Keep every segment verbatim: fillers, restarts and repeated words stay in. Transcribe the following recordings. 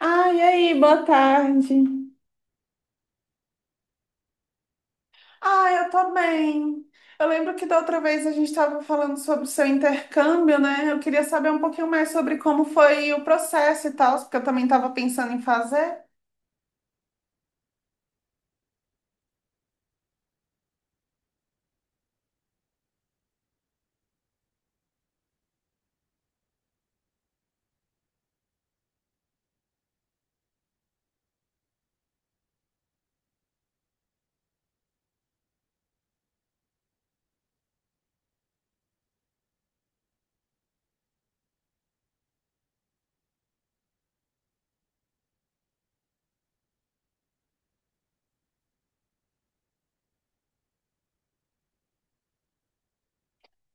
Ah, e aí, boa tarde. Ah, eu tô bem. Eu lembro que da outra vez a gente estava falando sobre o seu intercâmbio, né? Eu queria saber um pouquinho mais sobre como foi o processo e tal, porque eu também estava pensando em fazer.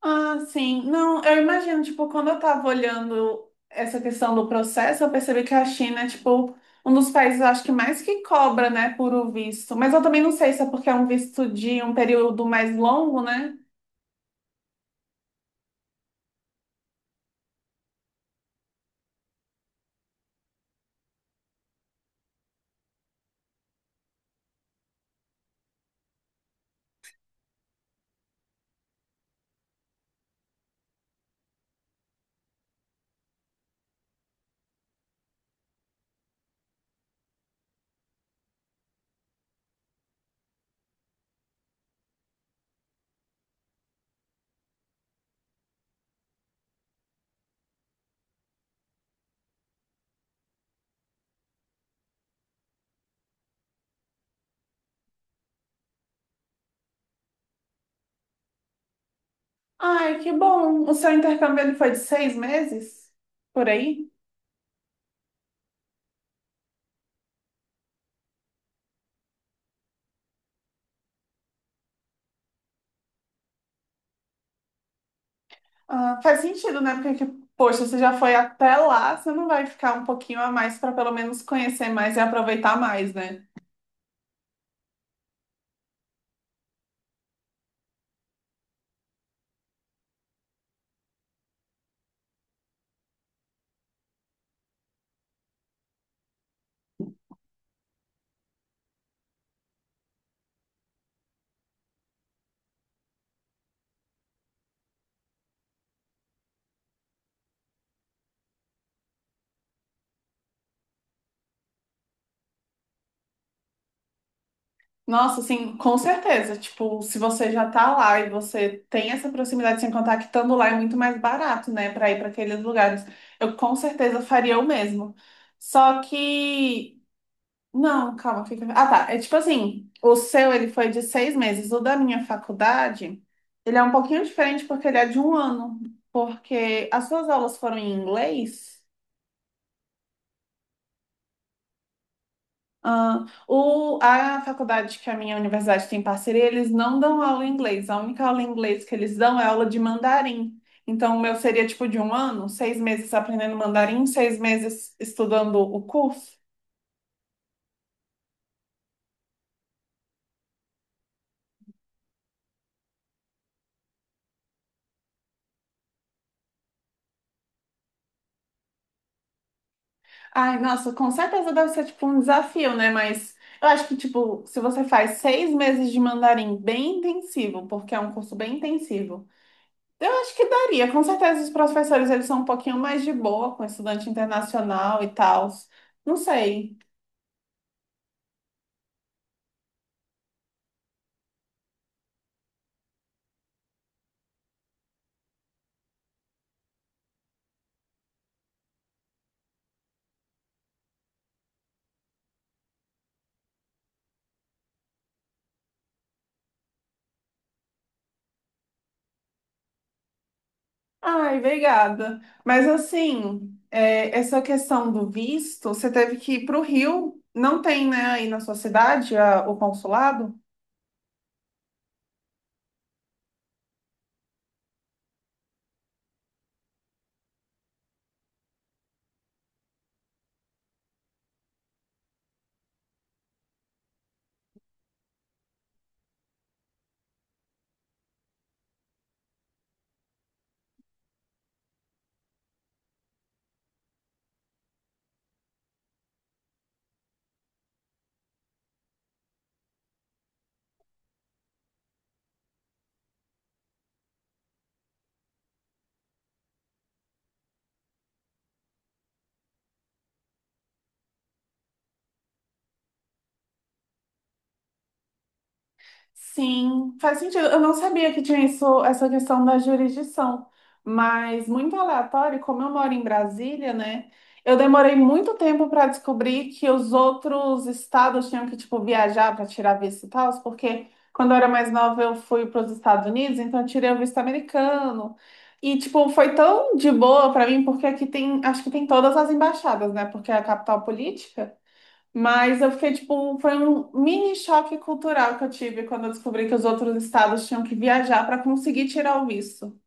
Ah, sim. Não, eu imagino, tipo, quando eu tava olhando essa questão do processo, eu percebi que a China é, tipo, um dos países, eu acho que mais que cobra, né, por o visto. Mas eu também não sei se é porque é um visto de um período mais longo, né? Ai, que bom. O seu intercâmbio ele foi de seis meses? Por aí? Ah, faz sentido, né? Porque, poxa, você já foi até lá, você não vai ficar um pouquinho a mais para pelo menos conhecer mais e aproveitar mais, né? Nossa, assim, com certeza. Tipo, se você já tá lá e você tem essa proximidade, sem contar que estando lá é muito mais barato, né? Para ir para aqueles lugares. Eu com certeza faria o mesmo. Só que. Não, calma, fica. Ah, tá. É tipo assim, o seu ele foi de seis meses. O da minha faculdade, ele é um pouquinho diferente porque ele é de um ano. Porque as suas aulas foram em inglês. Ah, o, a faculdade que a minha universidade tem parceria, eles não dão aula em inglês. A única aula em inglês que eles dão é aula de mandarim. Então, o meu seria tipo de um ano, seis meses aprendendo mandarim, seis meses estudando o curso. Ai, nossa, com certeza deve ser tipo um desafio, né? Mas eu acho que, tipo, se você faz seis meses de mandarim bem intensivo, porque é um curso bem intensivo, eu acho que daria. Com certeza os professores, eles são um pouquinho mais de boa com estudante internacional e tal. Não sei. Ai, obrigada. Mas assim, é, essa questão do visto, você teve que ir para o Rio. Não tem, né, aí na sua cidade, a- o consulado? Sim, faz sentido. Eu não sabia que tinha isso, essa questão da jurisdição, mas muito aleatório, como eu moro em Brasília, né? Eu demorei muito tempo para descobrir que os outros estados tinham que, tipo, viajar para tirar visto e tal, porque quando eu era mais nova eu fui para os Estados Unidos, então eu tirei o visto americano. E, tipo, foi tão de boa para mim, porque aqui tem, acho que tem todas as embaixadas, né? Porque é a capital política. Mas eu fiquei, tipo, foi um mini choque cultural que eu tive quando eu descobri que os outros estados tinham que viajar para conseguir tirar o visto.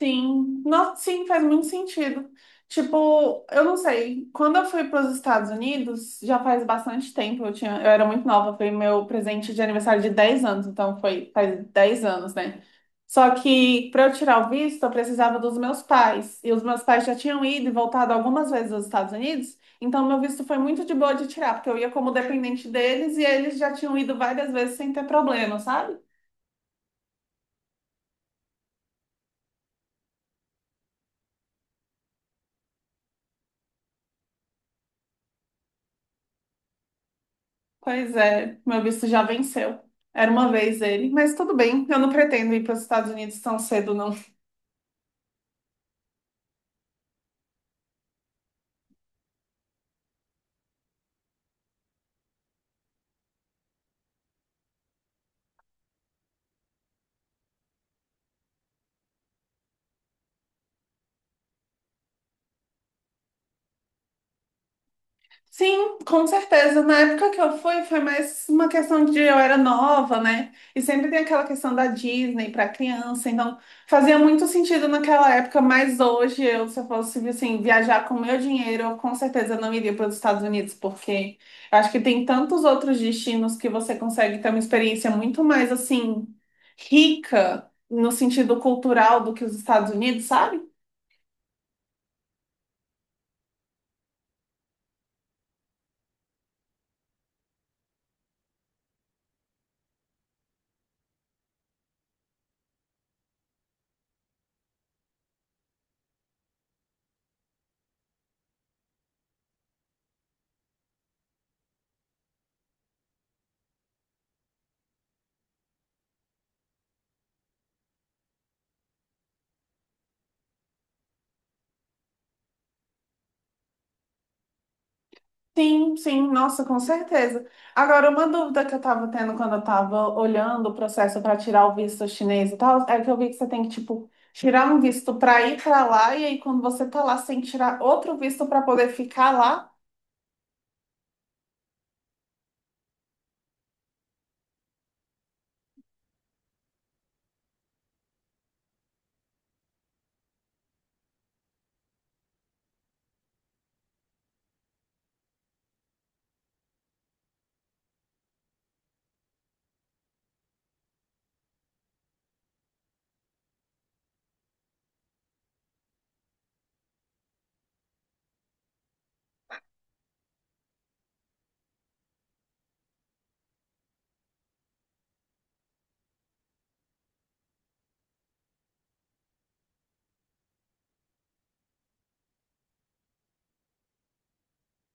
Sim, nossa, sim, faz muito sentido. Tipo, eu não sei, quando eu fui para os Estados Unidos, já faz bastante tempo, eu tinha, eu era muito nova, foi meu presente de aniversário de dez anos, então foi faz dez anos, né? Só que para eu tirar o visto, eu precisava dos meus pais, e os meus pais já tinham ido e voltado algumas vezes aos Estados Unidos, então meu visto foi muito de boa de tirar, porque eu ia como dependente deles e eles já tinham ido várias vezes sem ter problema, sabe? Pois é, meu visto já venceu. Era uma vez ele, mas tudo bem, eu não pretendo ir para os Estados Unidos tão cedo, não. Sim, com certeza. Na época que eu fui, foi mais uma questão de eu era nova, né? E sempre tem aquela questão da Disney para criança, então fazia muito sentido naquela época, mas hoje eu, se eu fosse assim, viajar com o meu dinheiro, eu com certeza não iria para os Estados Unidos, porque eu acho que tem tantos outros destinos que você consegue ter uma experiência muito mais assim rica no sentido cultural do que os Estados Unidos, sabe? Sim, sim, nossa, com certeza. Agora, uma dúvida que eu tava tendo quando eu tava olhando o processo para tirar o visto chinês e tal, é que eu vi que você tem que, tipo, tirar um visto para ir para lá, e aí quando você tá lá, você tem que tirar outro visto para poder ficar lá.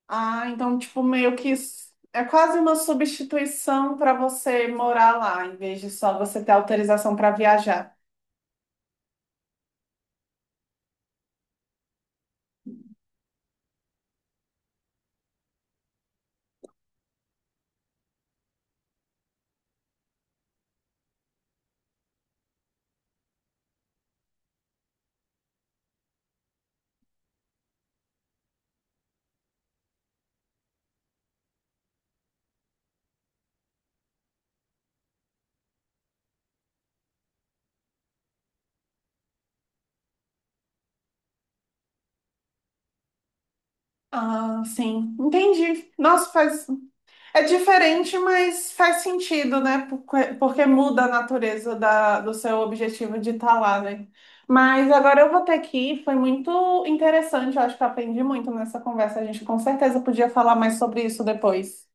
Ah, então, tipo, meio que s- é quase uma substituição para você morar lá, em vez de só você ter autorização para viajar. Ah, sim, entendi. Nossa, faz é diferente, mas faz sentido, né? Porque, porque muda a natureza da- do seu objetivo de estar lá, né? Mas agora eu vou ter que ir. Foi muito interessante. Eu acho que eu aprendi muito nessa conversa. A gente com certeza podia falar mais sobre isso depois.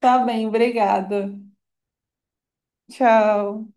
Tá bem, obrigada. Tchau.